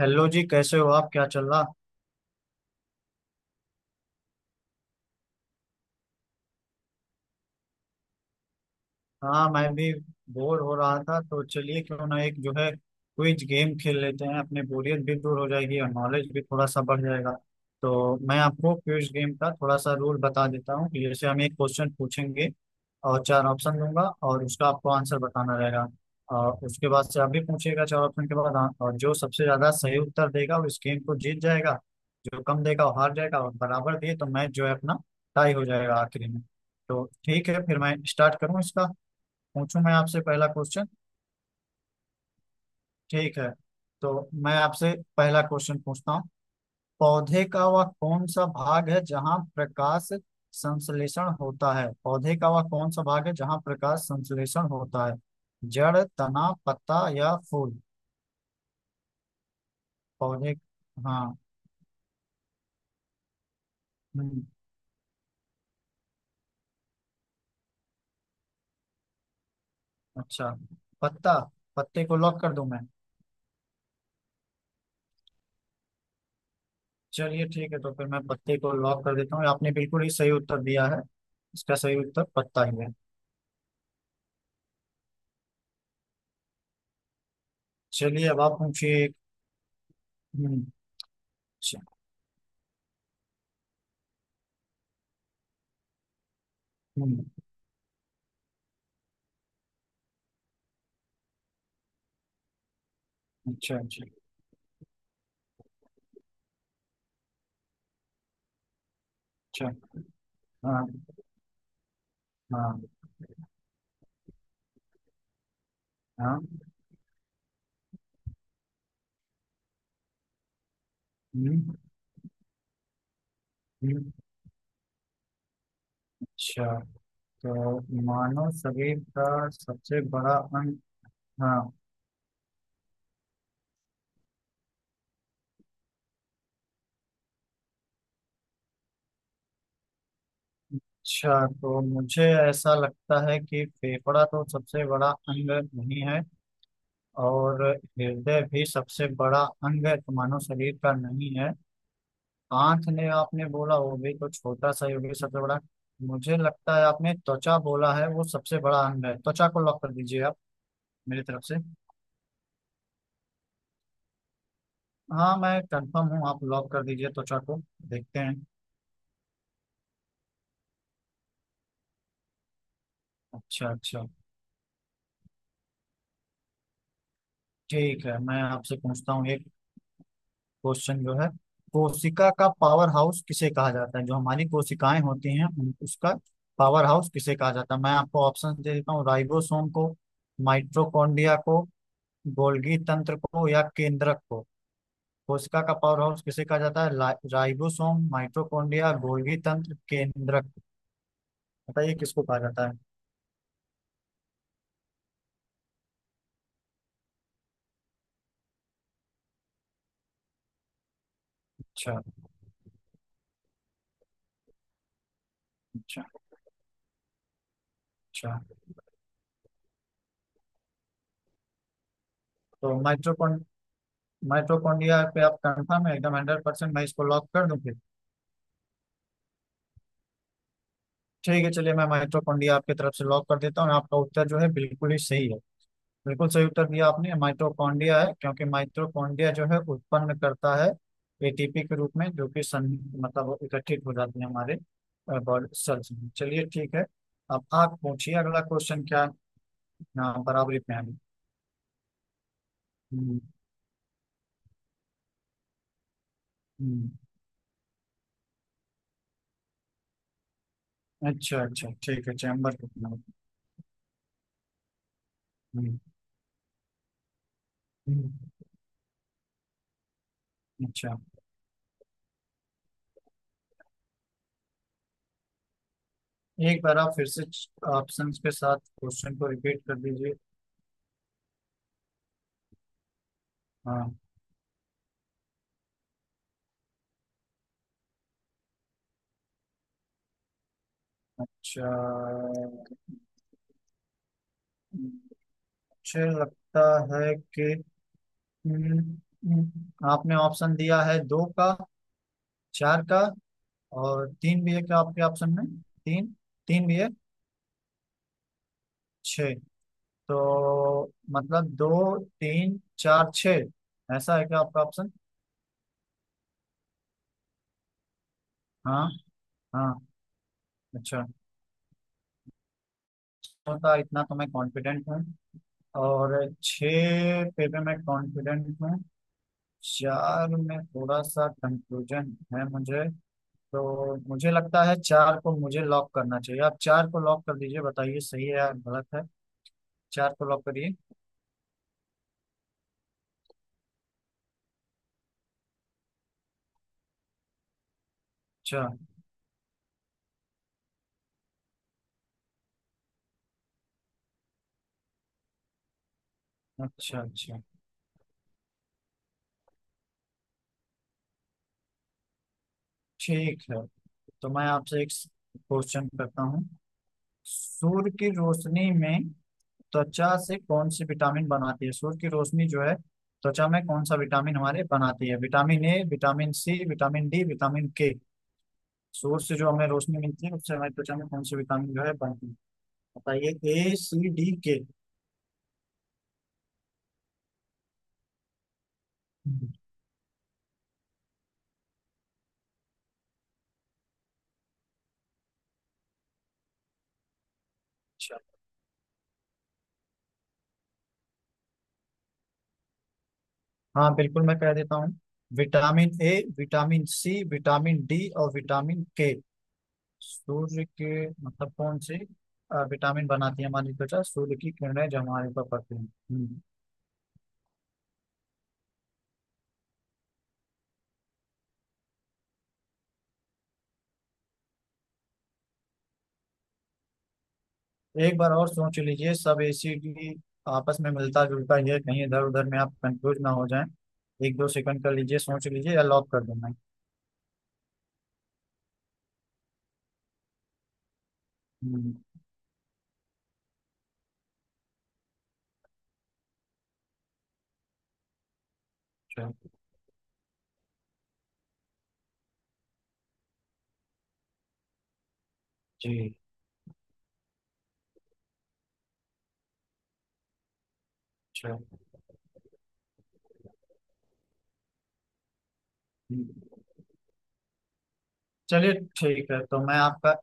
Hello जी। कैसे हो आप? क्या चल रहा? हाँ, मैं भी बोर हो रहा था तो चलिए, क्यों ना एक जो है क्विज गेम खेल लेते हैं। अपनी बोरियत भी दूर हो जाएगी और नॉलेज भी थोड़ा सा बढ़ जाएगा। तो मैं आपको क्विज गेम का थोड़ा सा रूल बता देता हूँ कि जैसे हम एक क्वेश्चन पूछेंगे और चार ऑप्शन दूंगा और उसका आपको आंसर बताना रहेगा। और उसके बाद से आप भी पूछिएगा चार ऑप्शन के बाद, हाँ, और जो सबसे ज्यादा सही उत्तर देगा वो इस गेम को जीत जाएगा। जो कम देगा वो हार जाएगा और बराबर दिए तो मैच जो है अपना टाई हो जाएगा आखिरी में। तो ठीक है, फिर मैं स्टार्ट करूँ इसका? पूछूं मैं आपसे पहला क्वेश्चन? ठीक है, तो मैं आपसे पहला क्वेश्चन पूछता हूँ। पौधे का वह कौन सा भाग है जहाँ प्रकाश संश्लेषण होता है? पौधे का वह कौन सा भाग है जहाँ प्रकाश संश्लेषण होता है? जड़, तना, पत्ता या फूल? पौधे। हाँ। हम्म। अच्छा। पत्ता। पत्ते को लॉक कर दूं मैं? चलिए ठीक है, तो फिर मैं पत्ते को लॉक कर देता हूँ। आपने बिल्कुल ही सही उत्तर दिया है। इसका सही उत्तर पत्ता ही है। चलिए अब आप पूछिए एक। हम्म। अच्छा। हम्म। अच्छा, अच्छा, अच्छा। हाँ, हाँ, हाँ। हम्म। हम्म। अच्छा। तो मानव शरीर का सबसे बड़ा अंग। हाँ। अच्छा, तो मुझे ऐसा लगता है कि फेफड़ा तो सबसे बड़ा अंग नहीं है। और हृदय भी सबसे बड़ा अंग मानव शरीर का नहीं है। आंख ने आपने बोला वो भी तो छोटा सा ही होगी सबसे बड़ा। मुझे लगता है आपने त्वचा बोला है, वो सबसे बड़ा अंग है। त्वचा को लॉक कर दीजिए आप, मेरी तरफ से। हाँ, मैं कंफर्म हूँ, आप लॉक कर दीजिए त्वचा को। देखते हैं। अच्छा, अच्छा, ठीक है, मैं आपसे पूछता हूँ एक क्वेश्चन जो है। कोशिका का पावर हाउस किसे कहा जाता है? जो हमारी कोशिकाएं होती हैं उसका पावर हाउस किसे कहा जाता है? मैं आपको ऑप्शन दे देता हूँ। राइबोसोम को, माइटोकॉन्ड्रिया को, गोल्गी तंत्र को या केंद्रक को। कोशिका का पावर हाउस किसे कहा जाता है? राइबोसोम, माइटोकॉन्ड्रिया, गोल्गी तंत्र, केंद्रक। बताइए किसको कहा जाता है। अच्छा, अच्छा, अच्छा। तो माइटोकॉन्ड्रिया पे आप कंफर्म है एकदम 100%? मैं इसको लॉक कर दूं फिर? ठीक है, चलिए मैं माइटोकॉन्ड्रिया आपकी तरफ से लॉक कर देता हूँ। आपका उत्तर जो है बिल्कुल ही सही है। बिल्कुल सही उत्तर दिया आपने। माइटोकॉन्ड्रिया है क्योंकि माइटोकॉन्ड्रिया जो है उत्पन्न करता है एटीपी के रूप में जो कि सं मतलब इकट्ठित हो जाती है हमारे बॉडी सेल्स में। चलिए ठीक है। अब आप पूछिए, अगला क्वेश्चन क्या है। हाँ, बराबरी पे है अभी। हम्म। हम्म। अच्छा, अच्छा, ठीक है। चैम्बर कितना है? हम्म। हम्म। अच्छा। एक बार आप फिर से ऑप्शंस के साथ क्वेश्चन को रिपीट कर दीजिए। हाँ। अच्छा। मुझे लगता है कि हम्म, आपने ऑप्शन दिया है दो का, चार का। और तीन भी है क्या आपके ऑप्शन में? तीन। तीन भी है। छः। तो मतलब दो, तीन, चार, छः, ऐसा है क्या आपका ऑप्शन? हाँ। हाँ। अच्छा। होता इतना तो मैं कॉन्फिडेंट हूँ, और छः पे भी मैं कॉन्फिडेंट हूँ। चार में थोड़ा सा कंफ्यूजन है मुझे। तो मुझे लगता है चार को मुझे लॉक करना चाहिए। आप चार को लॉक कर दीजिए, बताइए सही है या गलत है। चार को लॉक करिए। चार। अच्छा, अच्छा, ठीक है। तो मैं आपसे एक क्वेश्चन करता हूँ। सूर्य की रोशनी में त्वचा से कौन सी विटामिन बनाती है? सूर्य की रोशनी जो है त्वचा में कौन सा विटामिन हमारे बनाती है? Vitamin A, vitamin C, vitamin D, vitamin K. Source से जो हमें रोशनी मिलती है उससे हमारी त्वचा में कौन सी विटामिन जो है बनती है? बताइए। A, C, D, K. अच्छा। हाँ, बिल्कुल मैं कह देता हूँ। Vitamin A, vitamin C, vitamin D और विटामिन के। सूर्य के मतलब कौन से विटामिन बनाती है हमारी त्वचा, सूर्य की किरणें जो हमारे ऊपर पड़ती हैं। हम्म। एक बार और सोच लीजिए, सब एसिड आपस में मिलता जुलता ही है, कहीं इधर उधर में आप कंफ्यूज ना हो जाएं। एक दो सेकंड कर लीजिए, सोच लीजिए, या लॉक कर देना। हम्म। अच्छा। जी। अच्छा। हम्म। चलिए ठीक है, तो मैं आपका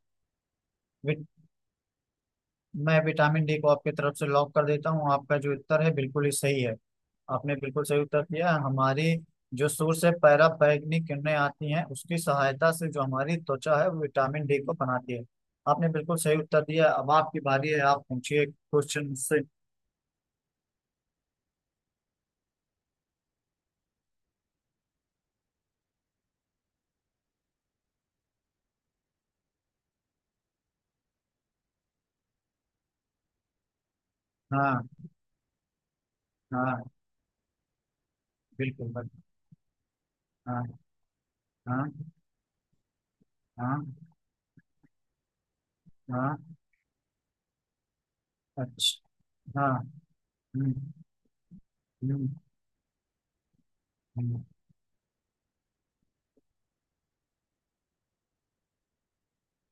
विट- मैं विटामिन डी को आपकी तरफ से लॉक कर देता हूँ। आपका जो उत्तर है बिल्कुल ही सही है। आपने बिल्कुल सही उत्तर दिया है। हमारी जो सूर्य से पराबैंगनी किरणें आती हैं उसकी सहायता से जो हमारी त्वचा है वो विटामिन डी को बनाती है। आपने बिल्कुल सही उत्तर दिया, अब आपकी बारी है, आप पूछिए क्वेश्चन से। हाँ, हाँ, बिल्कुल, बिल्कुल। हाँ, हाँ, हाँ, हाँ। अच्छा। हाँ। हम्म। हम्म। हम्म।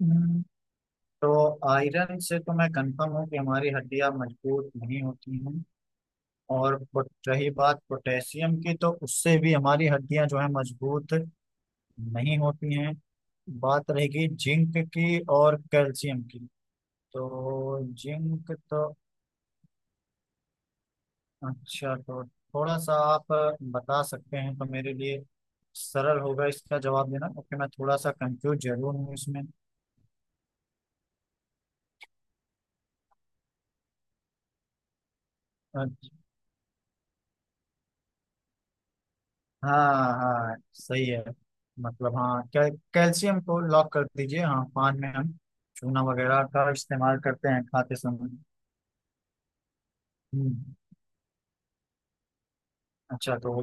हम्म। तो आयरन से तो मैं कंफर्म हूँ कि हमारी हड्डियां मजबूत नहीं होती हैं। और रही बात पोटेशियम की, तो उससे भी हमारी हड्डियां जो है मजबूत नहीं होती हैं। बात रहेगी जिंक की और कैल्शियम की। तो जिंक तो। अच्छा, तो थोड़ा सा आप बता सकते हैं तो मेरे लिए सरल होगा इसका जवाब देना, क्योंकि मैं थोड़ा सा कंफ्यूज जरूर हूँ इसमें। अच्छा। हाँ, हाँ, सही है। मतलब, हाँ, कैल्शियम को लॉक कर दीजिए। हाँ, पान में हम चूना वगैरह का इस्तेमाल करते हैं खाते समय। हम्म। अच्छा, तो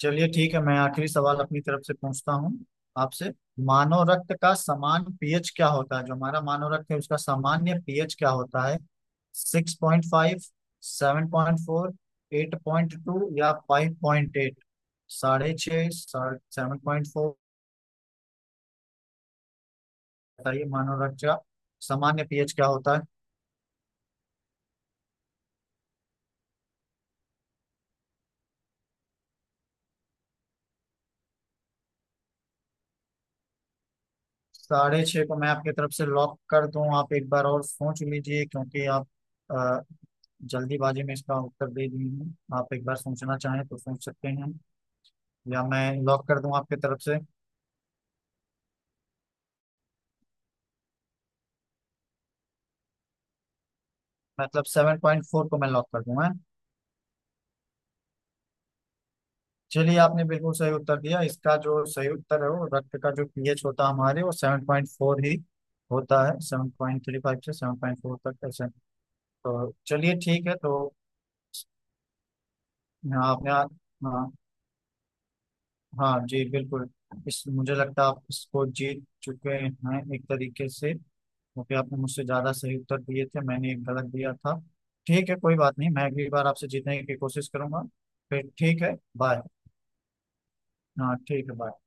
चलिए ठीक है, मैं आखिरी सवाल अपनी तरफ से पूछता हूँ आपसे। मानव रक्त का समान पीएच क्या होता है? जो हमारा मानव रक्त है उसका सामान्य पीएच क्या होता है? 6.5, 7.4, 8.2 या 5.8। 6.5, 7.4। बताइए मानव रक्त का सामान्य पीएच क्या होता है। साढ़े छः को मैं आपकी तरफ से लॉक कर दूं? आप एक बार और सोच लीजिए, क्योंकि आप जल्दीबाजी में इसका उत्तर दे दिए हैं। आप एक बार सोचना चाहें तो सोच सकते हैं, या मैं लॉक कर दूं आपके तरफ से? मतलब 7.4 को मैं लॉक कर दूं, हैं? चलिए आपने बिल्कुल सही उत्तर दिया। इसका जो सही उत्तर है वो रक्त का जो पीएच होता है हमारे, वो 7.4 ही होता है। 7.35 से 7.4 तक, ऐसे। तो चलिए ठीक है, तो आपने। हाँ, हाँ जी, बिल्कुल। इस, मुझे लगता है आप इसको जीत चुके हैं एक तरीके से, क्योंकि आपने मुझसे ज्यादा सही उत्तर दिए थे, मैंने एक गलत दिया था। ठीक है, कोई बात नहीं, मैं अगली बार आपसे जीतने की कोशिश करूंगा। फिर ठीक है, बाय। हाँ, ठीक है, बाय।